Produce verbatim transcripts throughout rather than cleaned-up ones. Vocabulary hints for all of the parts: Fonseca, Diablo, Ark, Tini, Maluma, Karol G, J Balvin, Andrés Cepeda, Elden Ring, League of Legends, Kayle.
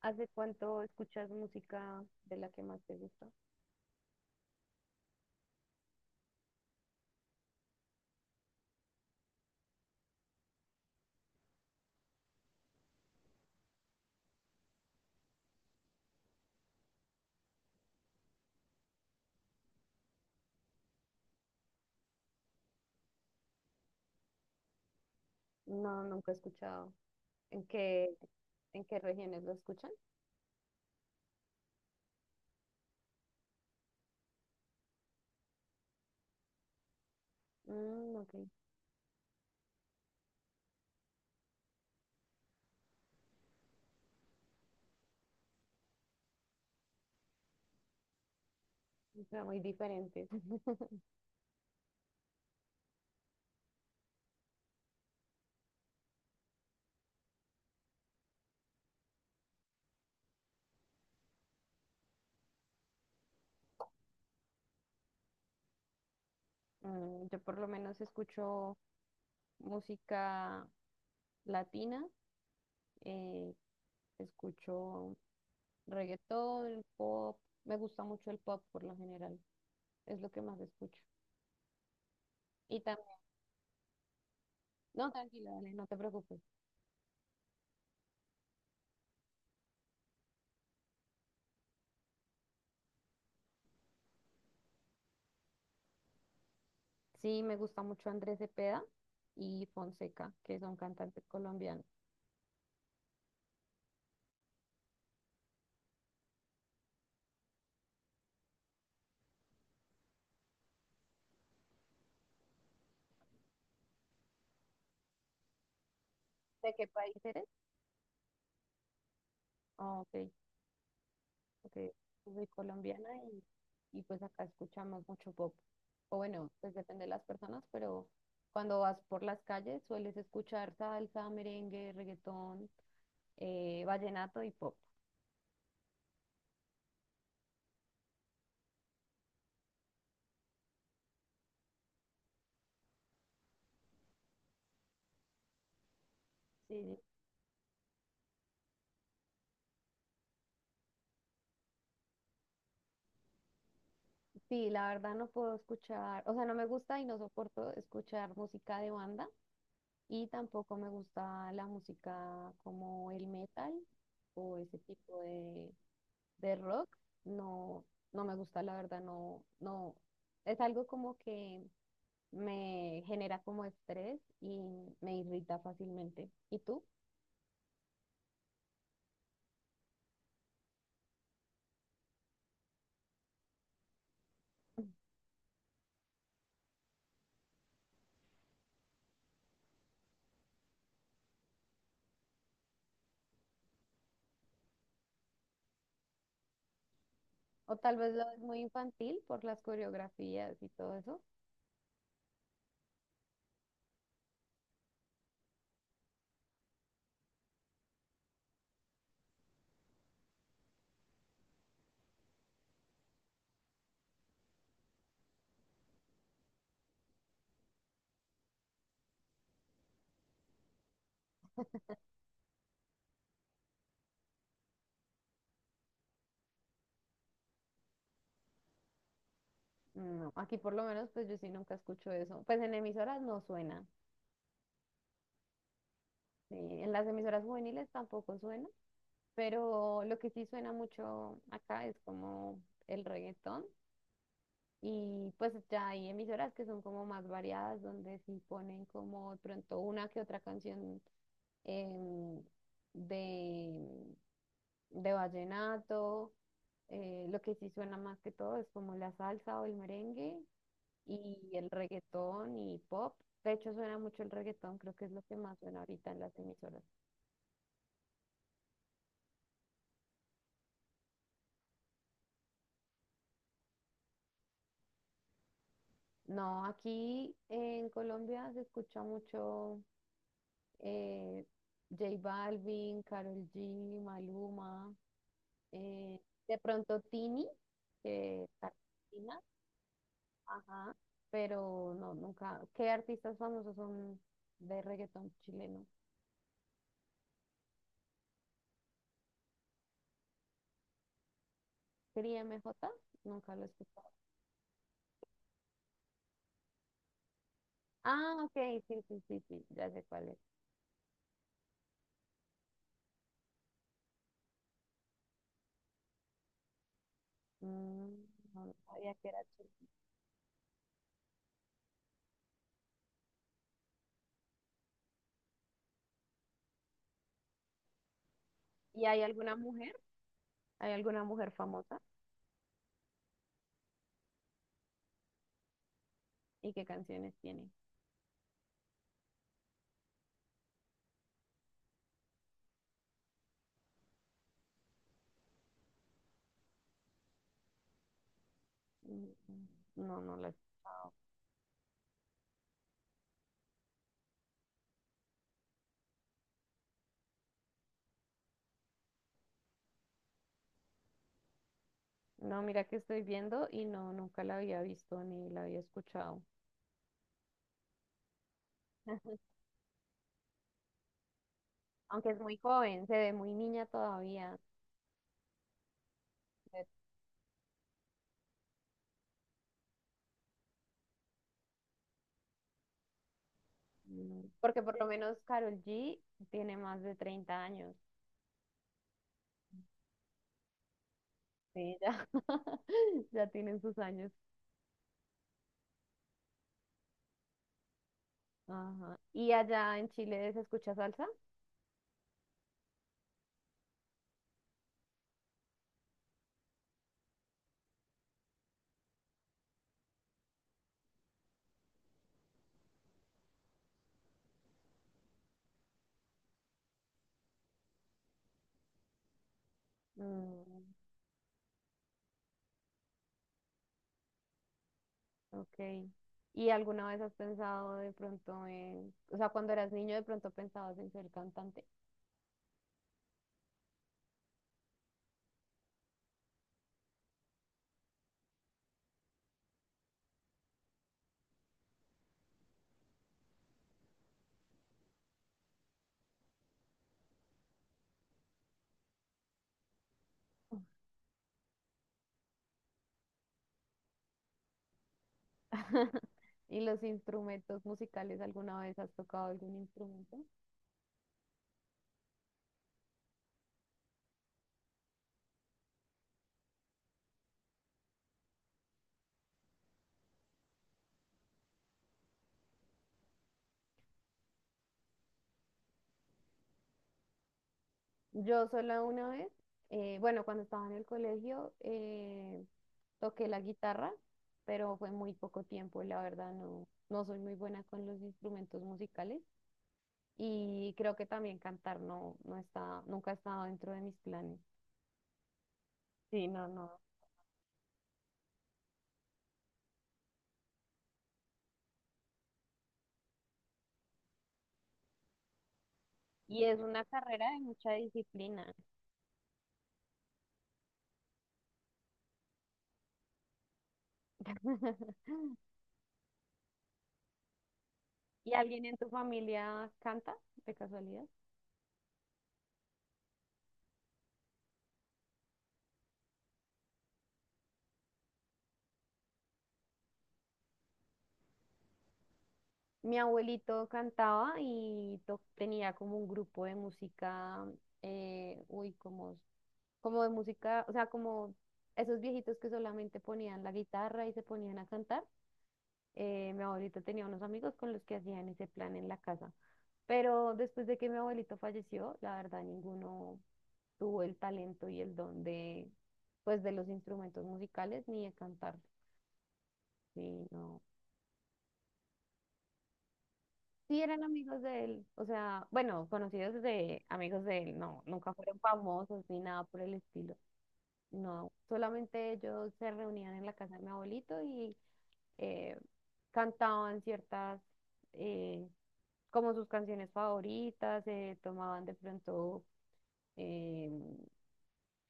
¿Hace cuánto escuchas música de la que más te gusta? No, nunca he escuchado. ¿En qué, en qué regiones lo escuchan? Mm, ok, o sea, muy diferentes. Mm, yo por lo menos escucho música latina, eh, escucho reggaetón, pop. Me gusta mucho el pop por lo general, es lo que más escucho. Y también, no, tranquila, dale, no te preocupes. Sí, me gusta mucho Andrés Cepeda y Fonseca, que son cantantes colombianos. ¿De qué país eres? Ah, ok, ok. Yo soy colombiana y, y pues acá escuchamos mucho pop. O bueno, pues depende de las personas, pero cuando vas por las calles sueles escuchar salsa, merengue, reggaetón, eh, vallenato y pop. Sí, sí, la verdad no puedo escuchar, o sea, no me gusta y no soporto escuchar música de banda. Y tampoco me gusta la música como el metal o ese tipo de, de rock. No, no me gusta, la verdad, no, no. Es algo como que me genera como estrés y me irrita fácilmente. ¿Y tú? O tal vez lo es muy infantil por las coreografías y todo eso. No, aquí por lo menos pues yo sí nunca escucho eso. Pues en emisoras no suena. Sí. En las emisoras juveniles tampoco suena. Pero lo que sí suena mucho acá es como el reggaetón y pues ya hay emisoras que son como más variadas donde sí ponen como de pronto una que otra canción em, de, de vallenato. Eh, lo que sí suena más que todo es como la salsa o el merengue y el reggaetón y pop. De hecho, suena mucho el reggaetón, creo que es lo que más suena ahorita en las emisoras. No, aquí en Colombia se escucha mucho eh, J Balvin, Karol G, Maluma, eh, de pronto Tini, que es argentina, ajá, pero no, nunca. ¿Qué artistas famosos son de reggaetón chileno? Cría M J, nunca lo he escuchado. Ah, ok, sí, sí, sí, sí, ya sé cuál es. Mm, no, no sabía que era chileno. ¿Y hay alguna mujer? ¿Hay alguna mujer famosa? ¿Y qué canciones tiene? Mm, mm, no, no las. No, mira que estoy viendo y no, nunca la había visto ni la había escuchado. Aunque es muy joven, se ve muy niña todavía. Pues. Mm, Porque por lo menos Karol G tiene más de treinta años. Sí, ya, ya tienen sus años. Ajá. ¿Y allá en Chile se escucha salsa? Mm, ok. ¿Y alguna vez has pensado de pronto en, o sea, cuando eras niño de pronto pensabas en ser cantante? ¿Y los instrumentos musicales alguna vez has tocado algún instrumento? Yo sola una vez, eh, bueno, cuando estaba en el colegio, eh, toqué la guitarra, pero fue muy poco tiempo, la verdad no, no soy muy buena con los instrumentos musicales y creo que también cantar no, no está, nunca ha estado dentro de mis planes. Sí, no, no. Y es una carrera de mucha disciplina. ¿Y alguien en tu familia canta, de casualidad? Mi abuelito cantaba y to- tenía como un grupo de música, eh, uy, como como de música, o sea, como esos viejitos que solamente ponían la guitarra y se ponían a cantar. Eh, mi abuelito tenía unos amigos con los que hacían ese plan en la casa. Pero después de que mi abuelito falleció, la verdad ninguno tuvo el talento y el don de, pues, de los instrumentos musicales ni de cantar. Sí, no. Sí eran amigos de él, o sea, bueno, conocidos de amigos de él, no, nunca fueron famosos ni nada por el estilo. No, solamente ellos se reunían en la casa de mi abuelito y eh, cantaban ciertas, eh, como sus canciones favoritas, eh, tomaban de pronto eh,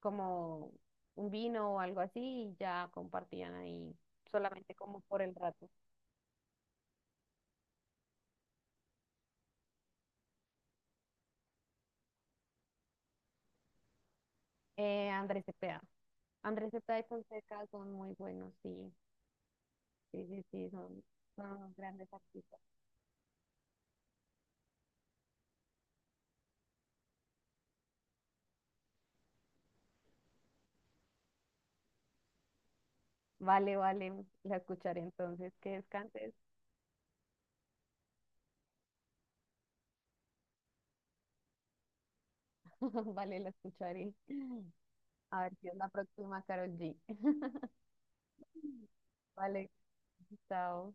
como un vino o algo así y ya compartían ahí solamente como por el rato. Eh, Andrés Cepeda. Andrés Cepeda y Fonseca son muy buenos, sí, sí, sí, sí, son, son, unos grandes artistas. Vale, vale, la escucharé entonces, que descanses. Vale, la escucharé. A ver si es la próxima, Karol G. Vale. So